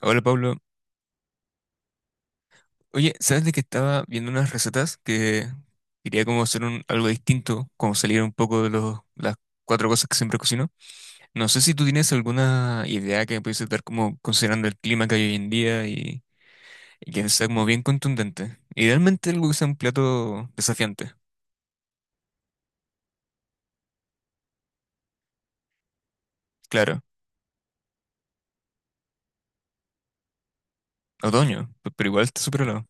Hola Pablo. Oye, ¿sabes de que estaba viendo unas recetas que quería como hacer algo distinto, como salir un poco de las cuatro cosas que siempre cocino? No sé si tú tienes alguna idea que me pudiese dar como considerando el clima que hay hoy en día y que sea como bien contundente. Idealmente algo que sea un plato desafiante, claro. Otoño, pero igual está súper helado.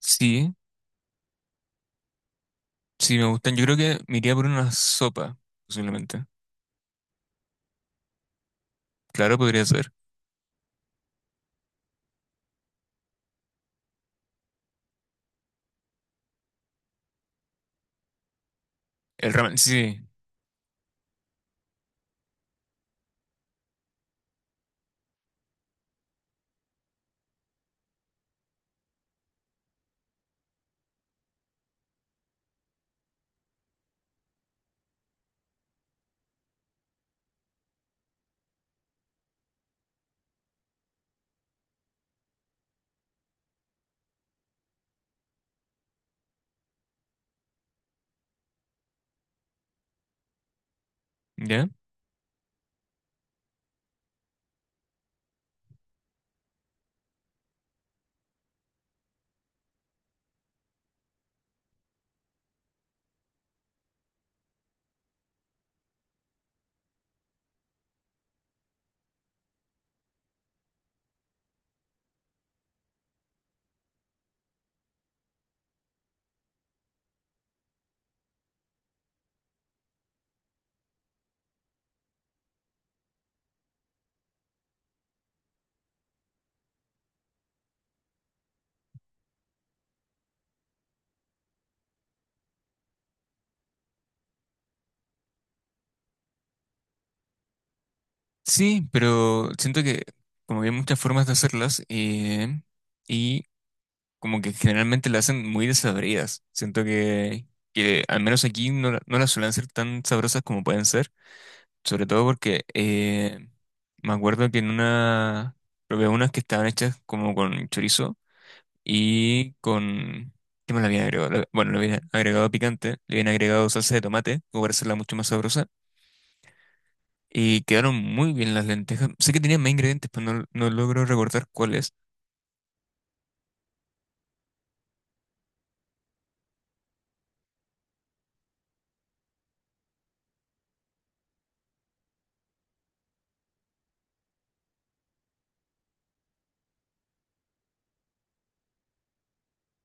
Sí, sí me gustan. Yo creo que me iría por una sopa, posiblemente. Claro, podría ser. El ramen, sí, sí, ¿ya? Sí, pero siento que como que hay muchas formas de hacerlas y como que generalmente las hacen muy desabridas. Que al menos aquí no, no las suelen ser tan sabrosas como pueden ser, sobre todo porque me acuerdo que en una probé unas que estaban hechas como con chorizo y con... ¿Qué me la habían agregado? Bueno, le habían agregado picante, le habían agregado salsa de tomate, como para hacerla mucho más sabrosa. Y quedaron muy bien las lentejas. Sé que tenía más ingredientes, pero no, no logro recordar cuáles.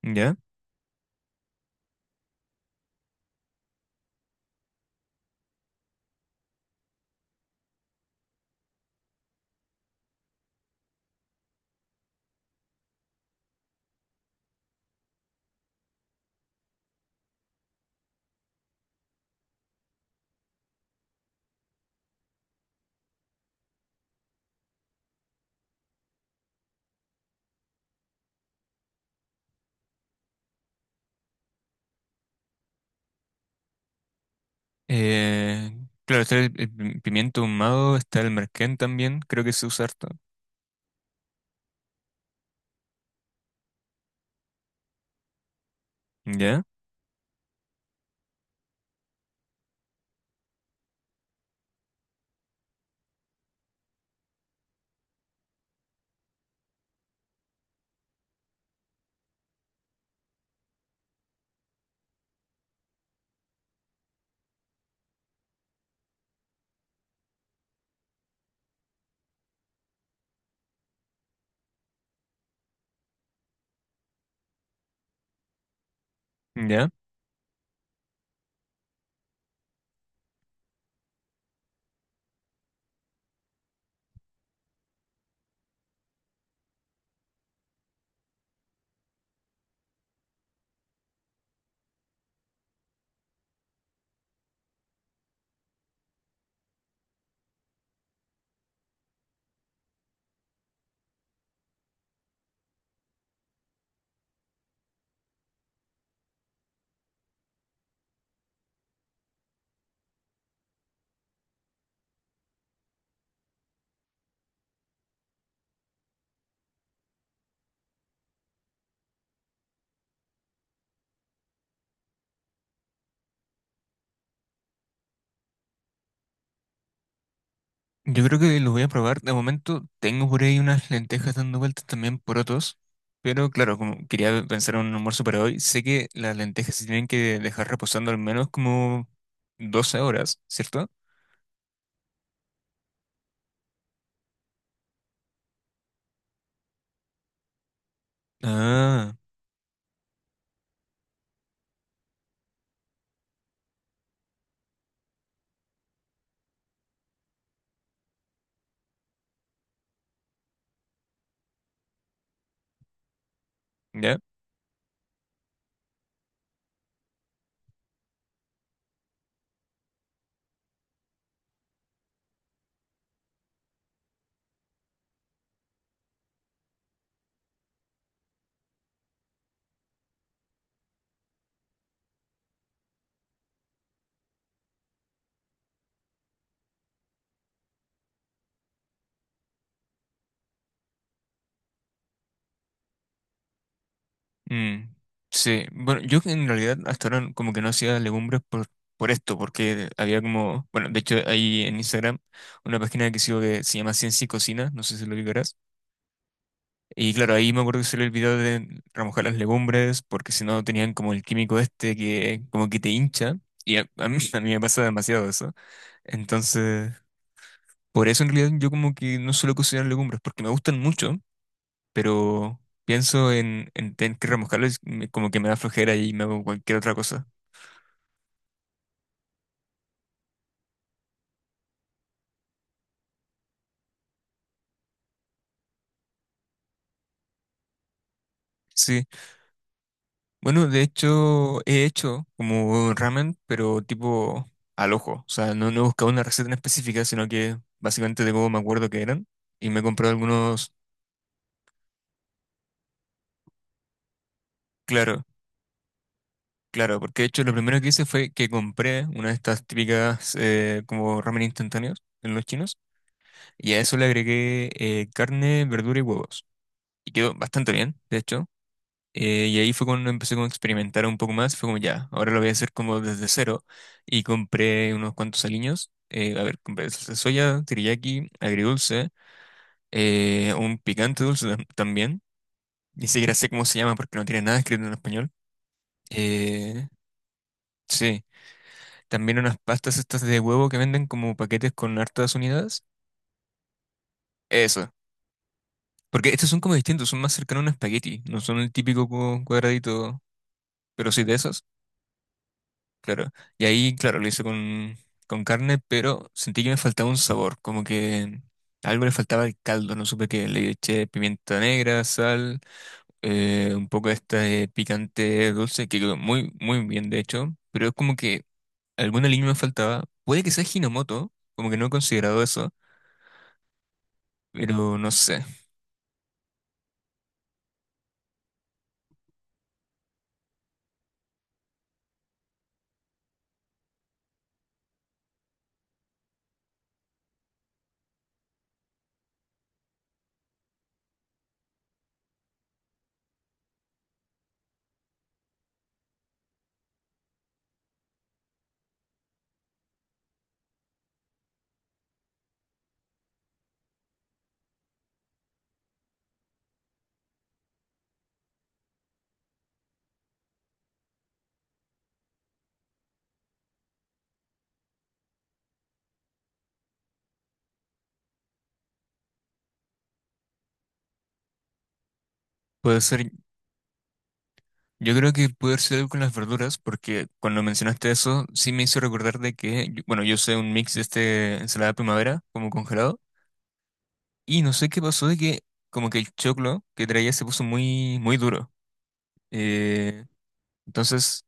¿Ya? Eh, claro, está el pimiento ahumado, está el merquén también, creo que se usa harto. ¿Ya? ¿Ya? Yo creo que los voy a probar. De momento tengo por ahí unas lentejas dando vueltas también por otros. Pero claro, como quería pensar en un almuerzo para hoy, sé que las lentejas se tienen que dejar reposando al menos como 12 horas, ¿cierto? Ah, ¿ya? Mm, sí, bueno, yo en realidad hasta ahora como que no hacía legumbres por esto, porque había como, bueno, de hecho ahí en Instagram una página que sigo que se llama Ciencia y Cocina, no sé si lo ubicarás, y claro, ahí me acuerdo que salió el video de remojar las legumbres, porque si no tenían como el químico este que como que te hincha, y a mí, a mí me pasa demasiado eso, entonces por eso en realidad yo como que no suelo cocinar legumbres, porque me gustan mucho, pero pienso en tener que remojarlo como que me da flojera y me hago cualquier otra cosa. Sí, bueno, de hecho he hecho como ramen, pero tipo al ojo. O sea, no, no he buscado una receta en específica, sino que básicamente de cómo me acuerdo que eran. Y me he comprado algunos, claro, claro, porque de hecho lo primero que hice fue que compré una de estas típicas como ramen instantáneos en los chinos. Y a eso le agregué carne, verdura y huevos. Y quedó bastante bien, de hecho. Y ahí fue cuando empecé como a experimentar un poco más. Fue como ya, ahora lo voy a hacer como desde cero. Y compré unos cuantos aliños. A ver, compré salsa de soya, teriyaki, agridulce, un picante dulce también. Ni siquiera sé cómo se llama porque no tiene nada escrito en español. Eh, sí, también unas pastas estas de huevo que venden como paquetes con hartas unidades. Eso. Porque estos son como distintos, son más cercanos a un espagueti. No son el típico cuadradito, pero sí de esos. Claro. Y ahí, lo hice con carne, pero sentí que me faltaba un sabor, como que algo le faltaba al caldo, no supe qué. Le eché pimienta negra, sal, un poco de este picante dulce, que quedó muy, muy bien, de hecho, pero es como que alguna línea me faltaba. Puede que sea Hinomoto, como que no he considerado eso, pero no sé. Puede ser, yo creo que puede haber sido algo con las verduras, porque cuando mencionaste eso, sí me hizo recordar de que, bueno, yo usé un mix de este ensalada primavera, como congelado. Y no sé qué pasó de que como que el choclo que traía se puso muy, muy duro. Eh, entonces,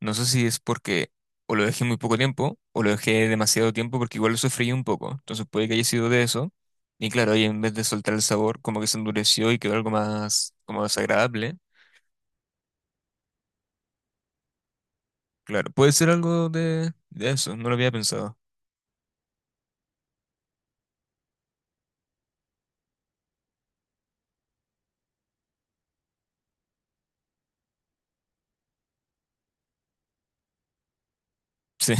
no sé si es porque o lo dejé muy poco tiempo o lo dejé demasiado tiempo porque igual lo sofreí un poco. Entonces puede que haya sido de eso. Y claro, ahí en vez de soltar el sabor, como que se endureció y quedó algo más como desagradable. Claro, puede ser algo de eso, no lo había pensado. Sí.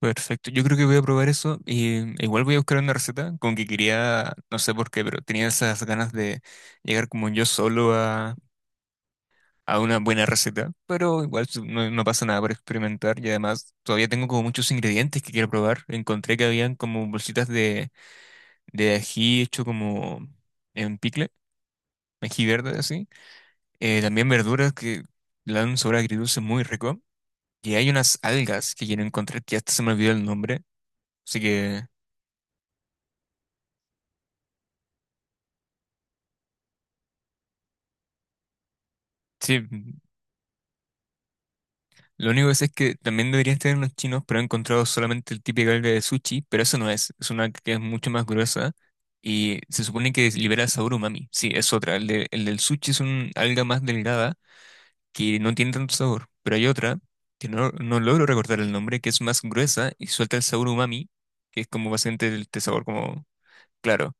Perfecto, yo creo que voy a probar eso y igual voy a buscar una receta, como que quería, no sé por qué, pero tenía esas ganas de llegar como yo solo a una buena receta, pero igual no, no pasa nada por experimentar y además todavía tengo como muchos ingredientes que quiero probar, encontré que habían como bolsitas de ají hecho como en picle, ají verde así. También verduras que le dan un sabor agridulce muy rico y hay unas algas que quiero encontrar que hasta se me olvidó el nombre, así que... Sí, lo único que sé es que también deberían tener unos chinos, pero he encontrado solamente el típico alga de sushi, pero eso no es, es una que es mucho más gruesa y se supone que libera sabor umami. Sí, es otra. El del sushi es un alga más delgada que no tiene tanto sabor, pero hay otra que no, no logro recordar el nombre, que es más gruesa y suelta el sabor umami, que es como básicamente el, este sabor como claro.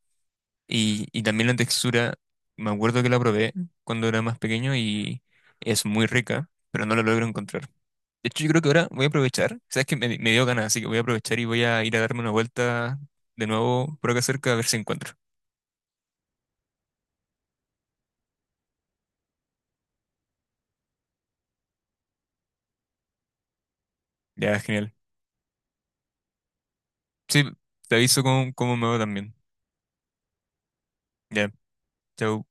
Y también la textura, me acuerdo que la probé cuando era más pequeño y es muy rica, pero no la logro encontrar. De hecho, yo creo que ahora voy a aprovechar. Sabes que me dio ganas, así que voy a aprovechar y voy a ir a darme una vuelta de nuevo por acá cerca a ver si encuentro. Ya, genial. Sí, te aviso cómo, cómo me va también. Ya, chao.